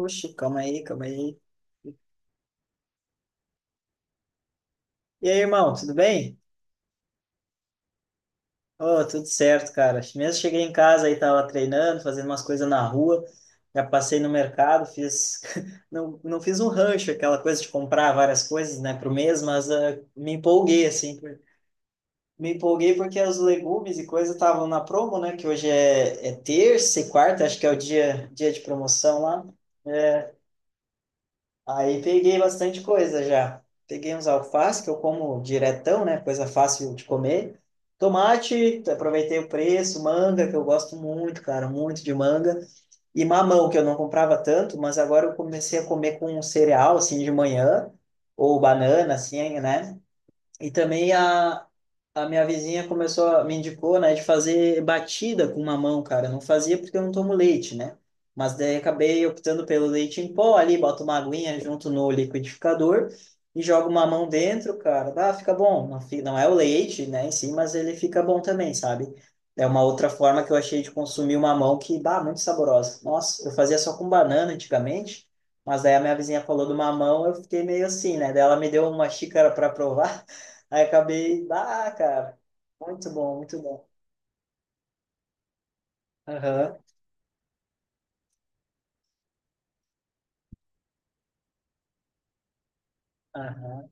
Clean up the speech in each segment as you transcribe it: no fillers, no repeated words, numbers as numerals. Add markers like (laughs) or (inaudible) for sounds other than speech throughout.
Oxi, calma aí, calma aí. E aí, irmão, tudo bem? Oh, tudo certo, cara. Mesmo cheguei em casa aí, tava treinando, fazendo umas coisas na rua. Já passei no mercado, fiz. (laughs) Não, não fiz um rancho, aquela coisa de comprar várias coisas, né, pro mês, mas me empolguei, assim. Me empolguei porque os legumes e coisas estavam na promo, né, que hoje é terça e quarta, acho que é o dia de promoção lá, né. Aí peguei bastante coisa já. Peguei uns alface, que eu como diretão, né? Coisa fácil de comer. Tomate, aproveitei o preço. Manga, que eu gosto muito, cara, muito de manga. E mamão, que eu não comprava tanto, mas agora eu comecei a comer com um cereal, assim, de manhã. Ou banana, assim, né? E também a minha vizinha começou, me indicou, né, de fazer batida com mamão, cara. Eu não fazia porque eu não tomo leite, né? Mas daí acabei optando pelo leite em pó ali, boto uma aguinha junto no liquidificador e jogo o mamão dentro, cara. Ah, fica bom. Não, não é o leite, né, em si, mas ele fica bom também, sabe? É uma outra forma que eu achei de consumir o mamão que, bah, muito saborosa. Nossa, eu fazia só com banana antigamente, mas daí a minha vizinha falou do mamão, eu fiquei meio assim, né? Daí ela me deu uma xícara para provar. Aí acabei, ah, cara, muito bom, muito bom. Aham, aham.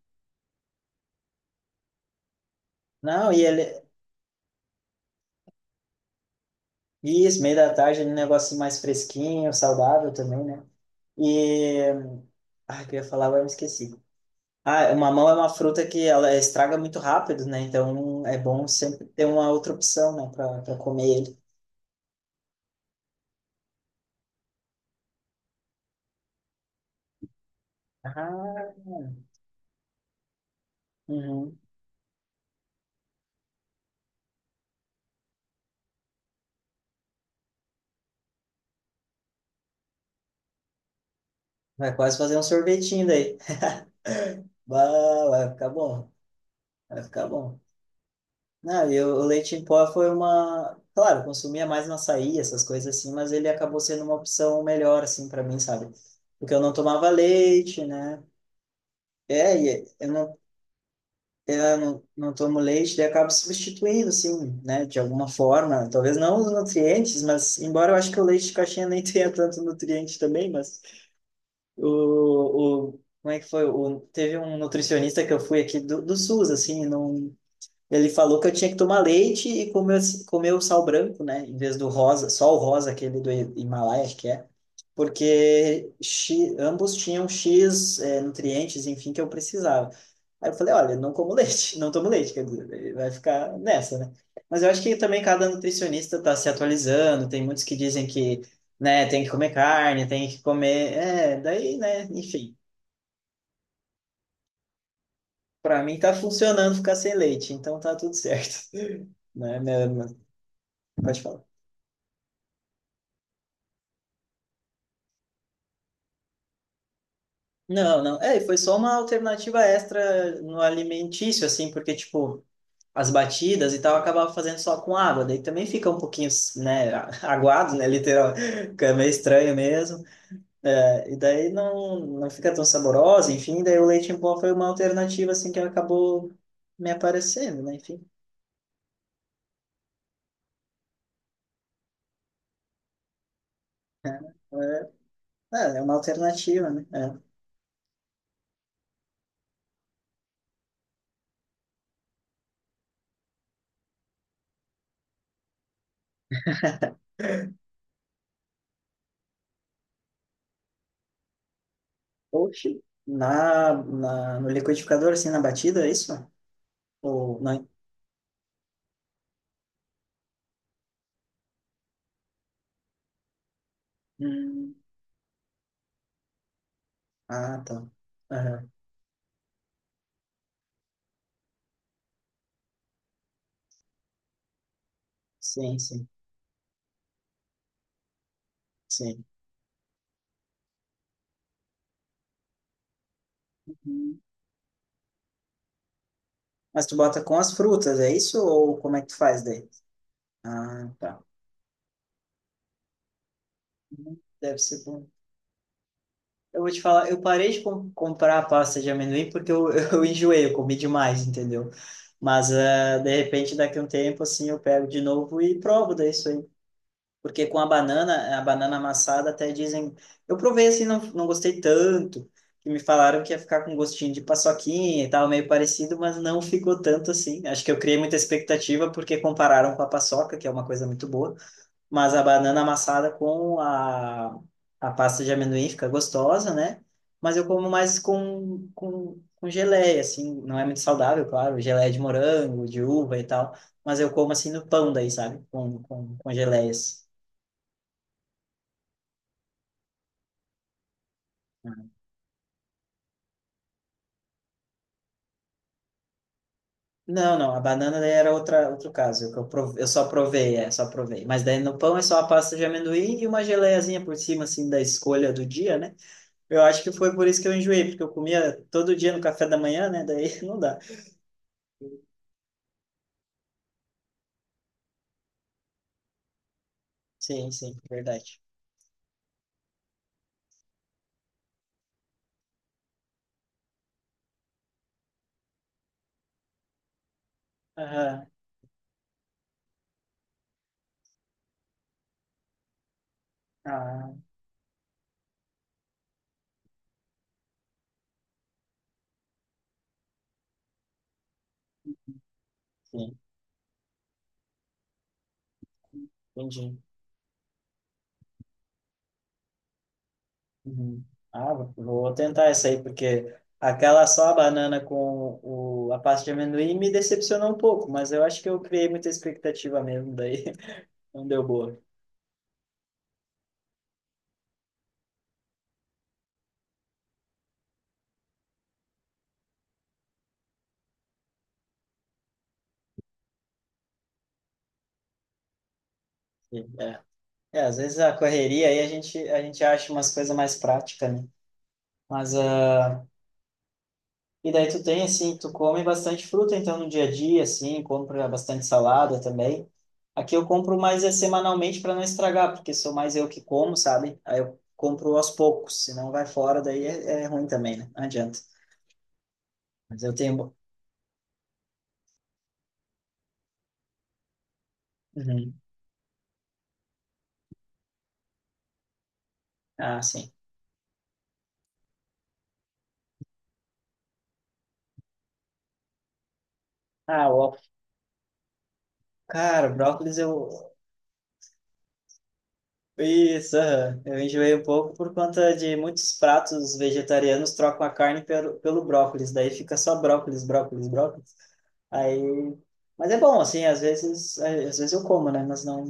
Não, e ele, isso, meio da tarde, um negócio mais fresquinho, saudável também, né? E, ah, o que eu ia falar, agora eu me esqueci. Ah, mamão é uma fruta que ela estraga muito rápido, né? Então é bom sempre ter uma outra opção, né, pra comer ele. Ah, uhum. Vai quase fazer um sorvetinho daí. Bah, vai ficar bom, vai ficar bom. Não, e o leite em pó foi uma. Claro, eu consumia mais no açaí, essas coisas assim, mas ele acabou sendo uma opção melhor, assim, para mim, sabe? Porque eu não tomava leite, né? É, e eu não, é, eu não tomo leite, daí eu acabo substituindo, assim, né? De alguma forma. Talvez não os nutrientes, mas embora eu acho que o leite de caixinha nem (laughs) tenha tanto nutriente também, mas o, o, como é que foi? O, teve um nutricionista que eu fui aqui do SUS, assim, não. Ele falou que eu tinha que tomar leite e comer, comer o sal branco, né? Em vez do rosa, só o rosa, aquele do Himalaia, acho que é. Porque X, ambos tinham X nutrientes, enfim, que eu precisava. Aí eu falei, olha, não como (laughs) leite, não tomo leite, quer dizer, vai ficar nessa, né? Mas eu acho que também cada nutricionista está se atualizando, tem muitos que dizem que, né, tem que comer carne, tem que comer... É, daí, né, enfim. Para mim tá funcionando ficar sem leite, então tá tudo certo. (laughs) Né? Minha... Pode falar. Não, não. É, e foi só uma alternativa extra no alimentício, assim, porque, tipo, as batidas e tal, eu acabava fazendo só com água, daí também fica um pouquinho, né, (laughs) aguado, né, literal, (laughs) fica meio estranho mesmo, é, e daí não fica tão saborosa, enfim, daí o leite em pó foi uma alternativa, assim, que acabou me aparecendo, né, enfim. É, é uma alternativa, né? É. Oxi. No liquidificador, assim, na batida, é isso? Ou, não? Hum, ah, tá. Sim, sim, sim. Uhum. Mas tu bota com as frutas, é isso? Ou como é que tu faz daí? Ah, tá. Uhum. Deve ser bom. Eu vou te falar, eu parei de comprar a pasta de amendoim porque eu, (laughs) eu enjoei, eu comi demais, entendeu? Mas, ah, de repente, daqui a um tempo, assim, eu pego de novo e provo daí isso aí. Porque com a banana amassada até dizem. Eu provei assim, não gostei tanto, que me falaram que ia ficar com gostinho de paçoquinha e tal, meio parecido, mas não ficou tanto assim. Acho que eu criei muita expectativa porque compararam com a paçoca, que é uma coisa muito boa, mas a banana amassada com a pasta de amendoim fica gostosa, né? Mas eu como mais com geleia, assim, não é muito saudável, claro, geleia de morango, de uva e tal, mas eu como assim no pão daí, sabe? Com geleias. Não, não, a banana daí era outra, outro caso, que eu, prov... eu só provei, é, só provei. Mas daí no pão é só a pasta de amendoim e uma geleiazinha por cima, assim, da escolha do dia, né? Eu acho que foi por isso que eu enjoei, porque eu comia todo dia no café da manhã, né? Daí (laughs) não dá. Sim, sim, verdade. Aham. Ah, sim, entendi. Uhum. Ah, vou tentar essa aí, porque aquela só a banana com o... a pasta de amendoim me decepcionou um pouco, mas eu acho que eu criei muita expectativa mesmo, daí (laughs) não deu boa. Sim, é. É, às vezes a correria aí a gente acha umas coisas mais práticas, né? Mas, ah, e daí tu tem, assim, tu come bastante fruta, então, no dia a dia, assim, compra bastante salada também. Aqui eu compro mais é semanalmente para não estragar, porque sou mais eu que como, sabe? Aí eu compro aos poucos, se não vai fora, daí é ruim também, né? Não adianta. Mas eu tenho... Uhum. Ah, sim. Ah, o... Cara, o brócolis eu... Isso, aham. Eu enjoei um pouco por conta de muitos pratos vegetarianos trocam a carne pelo brócolis, daí fica só brócolis, brócolis, brócolis. Aí, mas é bom, assim, às vezes, é, às vezes eu como, né? Mas não,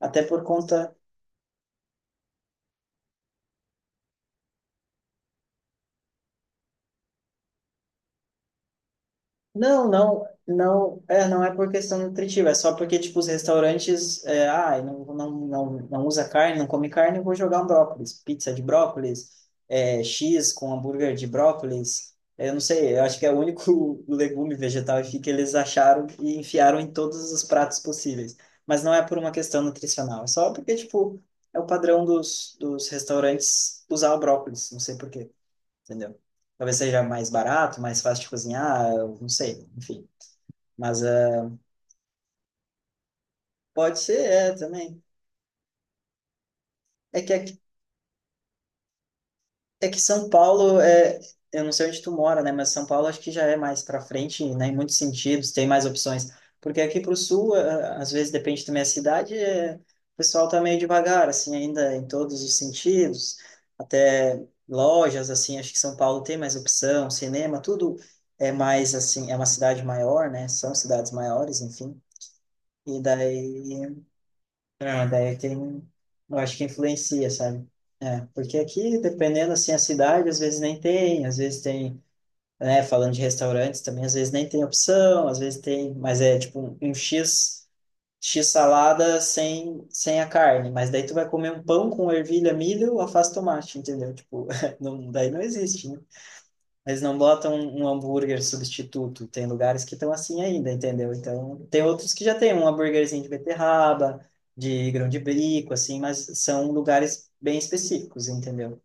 até por conta. Não, não, não, é, não é por questão nutritiva, é só porque, tipo, os restaurantes, é, ah, não usa carne, não come carne, eu vou jogar um brócolis, pizza de brócolis, é, X com hambúrguer de brócolis, é, eu não sei, eu acho que é o único (laughs) legume vegetal que eles acharam e enfiaram em todos os pratos possíveis, mas não é por uma questão nutricional, é só porque, tipo, é o padrão dos restaurantes usar o brócolis, não sei por quê, entendeu? Talvez seja mais barato, mais fácil de cozinhar, eu não sei, enfim. Mas pode ser, é, também. É que, é que São Paulo, é, eu não sei onde tu mora, né? Mas São Paulo acho que já é mais para frente, né? Em muitos sentidos, tem mais opções. Porque aqui para o sul, às vezes depende também da cidade, o pessoal tá meio devagar, assim, ainda em todos os sentidos. Até lojas, assim, acho que São Paulo tem mais opção, cinema, tudo é mais, assim, é uma cidade maior, né? São cidades maiores, enfim. E daí, não, daí tem, eu acho que influencia, sabe? É, porque aqui, dependendo, assim, a cidade, às vezes nem tem, às vezes tem, né, falando de restaurantes também, às vezes nem tem opção, às vezes tem, mas é tipo um X, X salada sem a carne, mas daí tu vai comer um pão com ervilha, milho, alface, tomate, entendeu? Tipo, (laughs) não, daí não existe, eles não botam um hambúrguer substituto. Tem lugares que estão assim ainda, entendeu? Então, tem outros que já tem um hambúrguerzinho de beterraba, de grão de bico, assim, mas são lugares bem específicos, entendeu?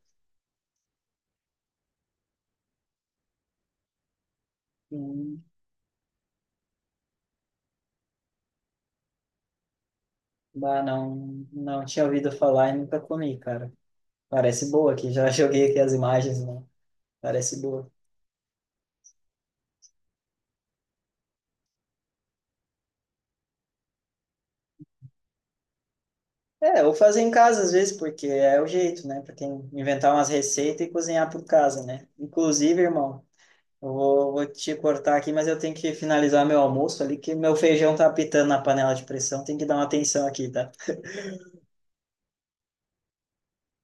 Hum, bah, não, não tinha ouvido falar e nunca comi, cara. Parece boa aqui, já (laughs) joguei aqui as imagens, né? Parece boa. É, ou fazer em casa às vezes, porque é o jeito, né? Pra quem inventar umas receitas e cozinhar por casa, né? Inclusive, irmão. Eu vou, vou te cortar aqui, mas eu tenho que finalizar meu almoço ali, que meu feijão tá apitando na panela de pressão. Tem que dar uma atenção aqui, tá?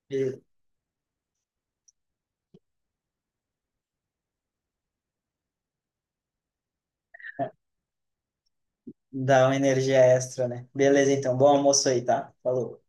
E dar uma energia extra, né? Beleza, então. Bom almoço aí, tá? Falou.